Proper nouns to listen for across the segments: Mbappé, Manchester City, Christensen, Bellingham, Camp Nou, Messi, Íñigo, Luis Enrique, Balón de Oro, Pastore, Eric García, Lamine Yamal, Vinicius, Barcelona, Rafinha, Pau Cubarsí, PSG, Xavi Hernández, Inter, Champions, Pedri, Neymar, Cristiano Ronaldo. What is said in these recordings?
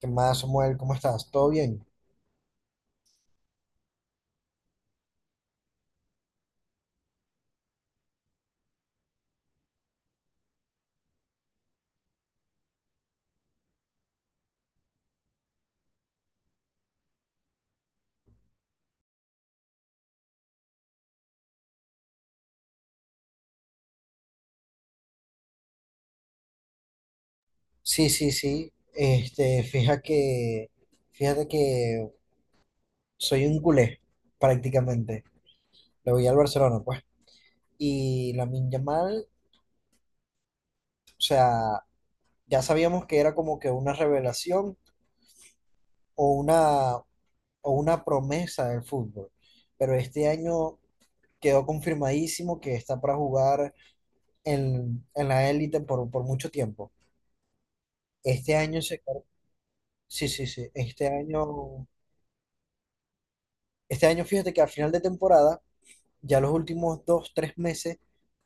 ¿Qué más, Samuel? ¿Cómo estás? ¿Todo bien? Sí, sí, sí. Fíjate que soy un culé, prácticamente. Le voy al Barcelona, pues. Y la Yamal, o sea, ya sabíamos que era como que una revelación, o una promesa del fútbol. Pero este año quedó confirmadísimo que está para jugar en la élite por mucho tiempo. Este año Sí, sí, sí. Este año fíjate que a final de temporada, ya los últimos dos, tres meses,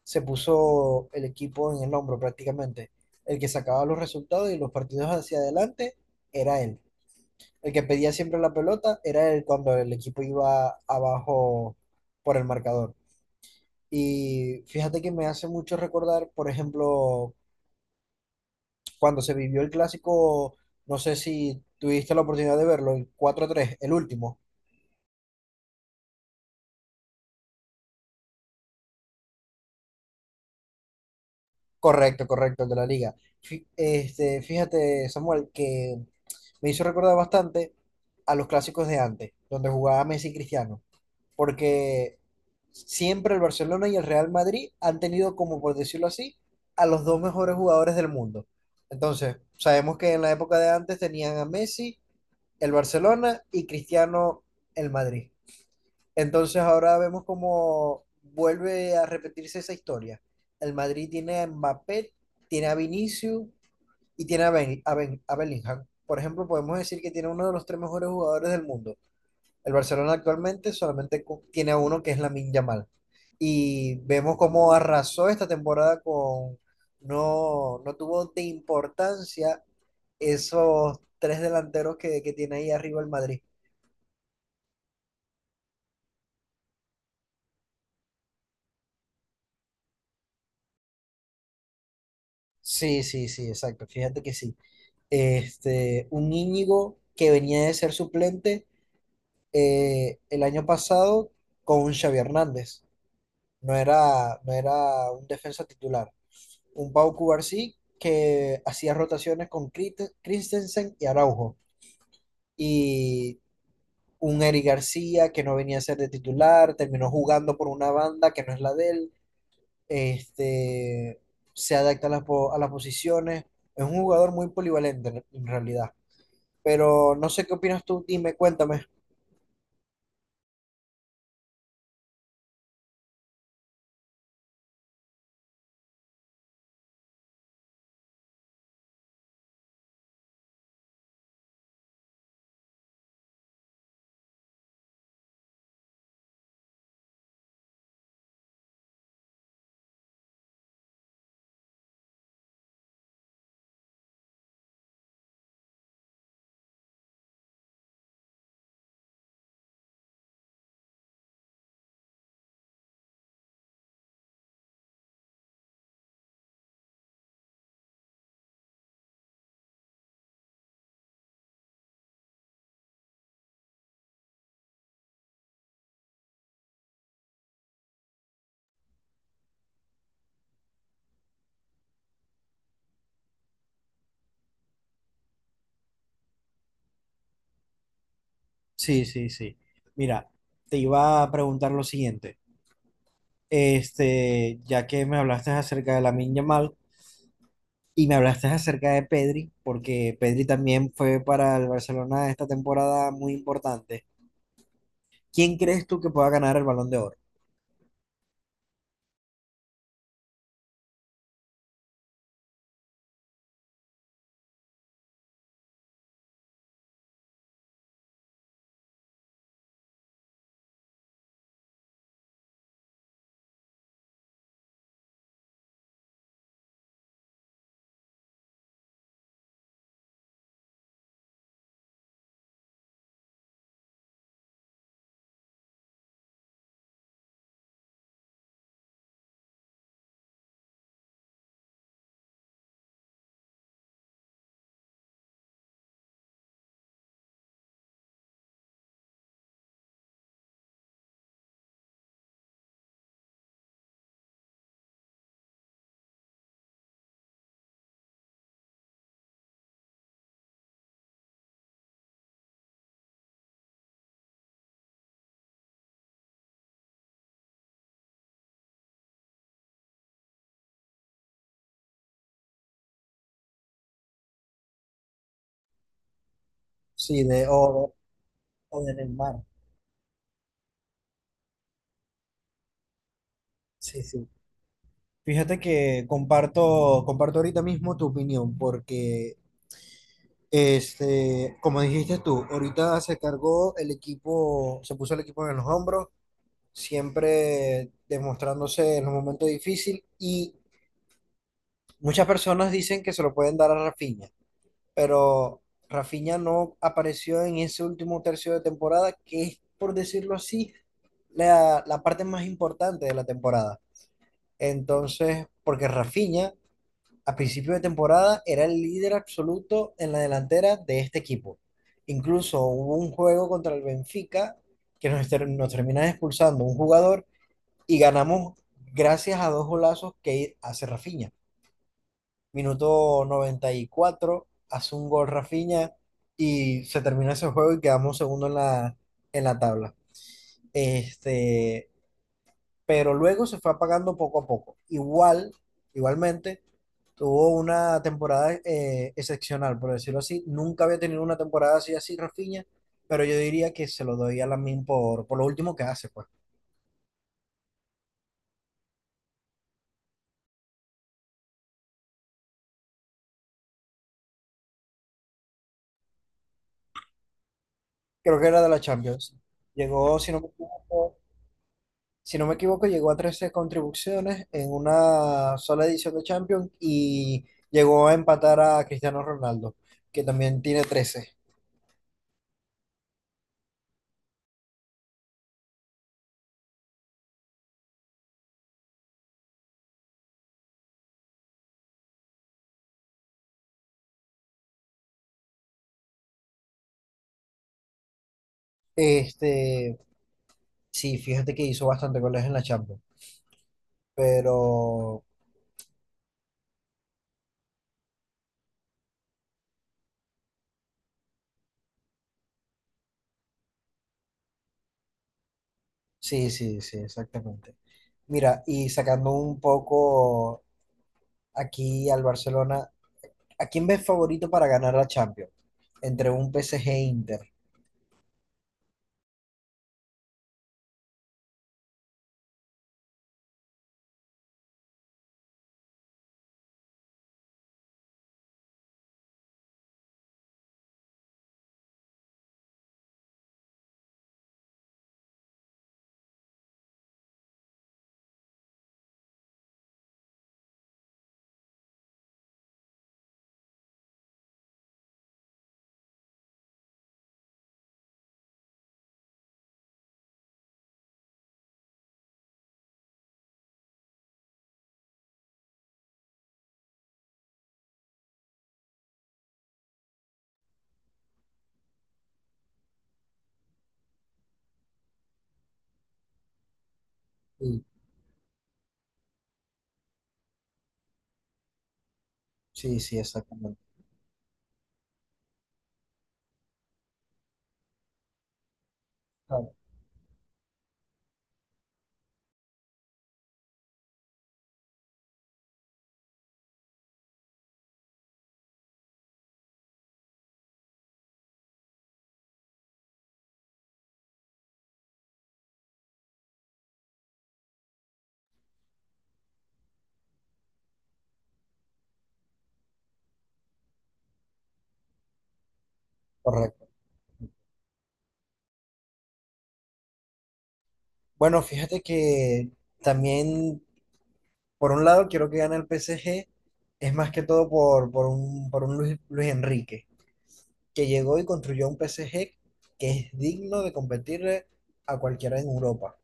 se puso el equipo en el hombro prácticamente. El que sacaba los resultados y los partidos hacia adelante era él. El que pedía siempre la pelota era el cuando el equipo iba abajo por el marcador. Y fíjate que me hace mucho recordar, por ejemplo, cuando se vivió el clásico, no sé si tuviste la oportunidad de verlo, el 4 tres el último. Correcto, correcto, el de la liga. Fíjate, Samuel, que me hizo recordar bastante a los clásicos de antes, donde jugaba Messi y Cristiano, porque siempre el Barcelona y el Real Madrid han tenido, como por decirlo así, a los dos mejores jugadores del mundo. Entonces, sabemos que en la época de antes tenían a Messi, el Barcelona, y Cristiano, el Madrid. Entonces, ahora vemos cómo vuelve a repetirse esa historia. El Madrid tiene a Mbappé, tiene a Vinicius y tiene a, a Bellingham. Por ejemplo, podemos decir que tiene uno de los tres mejores jugadores del mundo. El Barcelona actualmente tiene a uno que es Lamine Yamal. Y vemos cómo arrasó esta temporada con... No, no tuvo de importancia esos tres delanteros que tiene ahí arriba el Madrid. Sí, sí, sí, exacto. Fíjate que sí. Este, un Íñigo que venía de ser suplente el año pasado con un Xavi Hernández. No era un defensa titular, un Pau Cubarsí que hacía rotaciones con Christensen y Araujo. Y un Eric García que no venía a ser de titular, terminó jugando por una banda que no es la de él, este, se adapta a a las posiciones, es un jugador muy polivalente en realidad. Pero no sé qué opinas tú, dime, cuéntame. Sí, sí, sí. Mira, te iba a preguntar lo siguiente. Este, ya que me hablaste acerca de la Yamal, y me hablaste acerca de Pedri, porque Pedri también fue para el Barcelona esta temporada muy importante. ¿Quién crees tú que pueda ganar el Balón de Oro? Sí, de o de Neymar. Sí, sí. Fíjate que comparto, comparto ahorita mismo tu opinión, porque este, como dijiste tú, ahorita se cargó el equipo, se puso el equipo en los hombros, siempre demostrándose en los momentos difíciles, y muchas personas dicen que se lo pueden dar a Rafinha, pero Rafinha no apareció en ese último tercio de temporada, que es, por decirlo así, la parte más importante de la temporada. Entonces, porque Rafinha a principio de temporada era el líder absoluto en la delantera de este equipo. Incluso hubo un juego contra el Benfica que nos termina expulsando un jugador y ganamos gracias a dos golazos que hace Rafinha. Minuto 94 hace un gol Rafinha y se terminó ese juego y quedamos segundo en en la tabla. Este, pero luego se fue apagando poco a poco. Igualmente, tuvo una temporada excepcional, por decirlo así. Nunca había tenido una temporada así, así Rafinha, pero yo diría que se lo doy a Lamin por lo último que hace, pues. Creo que era de la Champions. Llegó, si no me equivoco, si no me equivoco, llegó a 13 contribuciones en una sola edición de Champions y llegó a empatar a Cristiano Ronaldo, que también tiene 13. Este, sí, fíjate que hizo bastante goles en la Champions, pero sí, sí, sí, exactamente. Mira, y sacando un poco aquí al Barcelona, ¿a quién ves favorito para ganar la Champions? Entre un PSG e Inter. Sí, sí, sí, exactamente. Claro, bueno, fíjate que también, por un lado, quiero que gane el PSG, es más que todo por, por un Luis, Luis Enrique, que llegó y construyó un PSG que es digno de competirle a cualquiera en Europa.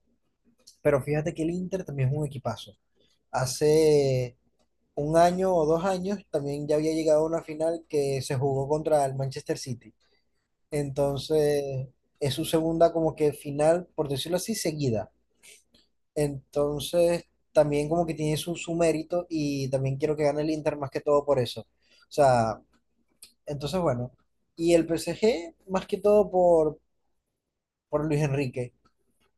Pero fíjate que el Inter también es un equipazo. Hace un año o dos años también ya había llegado a una final que se jugó contra el Manchester City. Entonces, es su segunda como que final, por decirlo así, seguida. Entonces, también como que tiene su, su mérito y también quiero que gane el Inter más que todo por eso. O sea, entonces bueno. Y el PSG más que todo por Luis Enrique,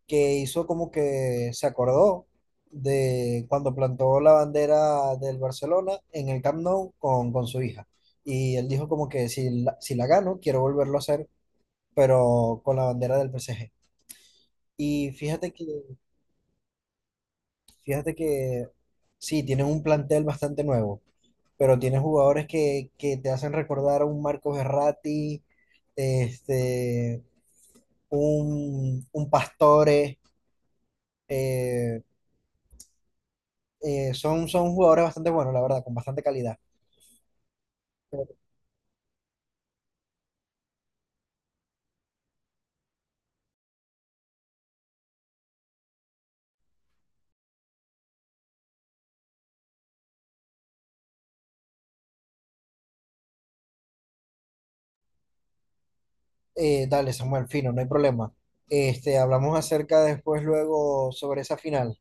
que hizo como que se acordó de cuando plantó la bandera del Barcelona en el Camp Nou con su hija. Y él dijo como que si la, si la gano, quiero volverlo a hacer, pero con la bandera del PSG. Y fíjate que Fíjate que sí, tienen un plantel bastante nuevo, pero tienen jugadores que te hacen recordar a un Marcos Verratti, este, un Pastore, eh, son, son jugadores bastante buenos, la verdad, con bastante calidad. Dale, Samuel, fino, no hay problema. Este, hablamos acerca después, luego, sobre esa final.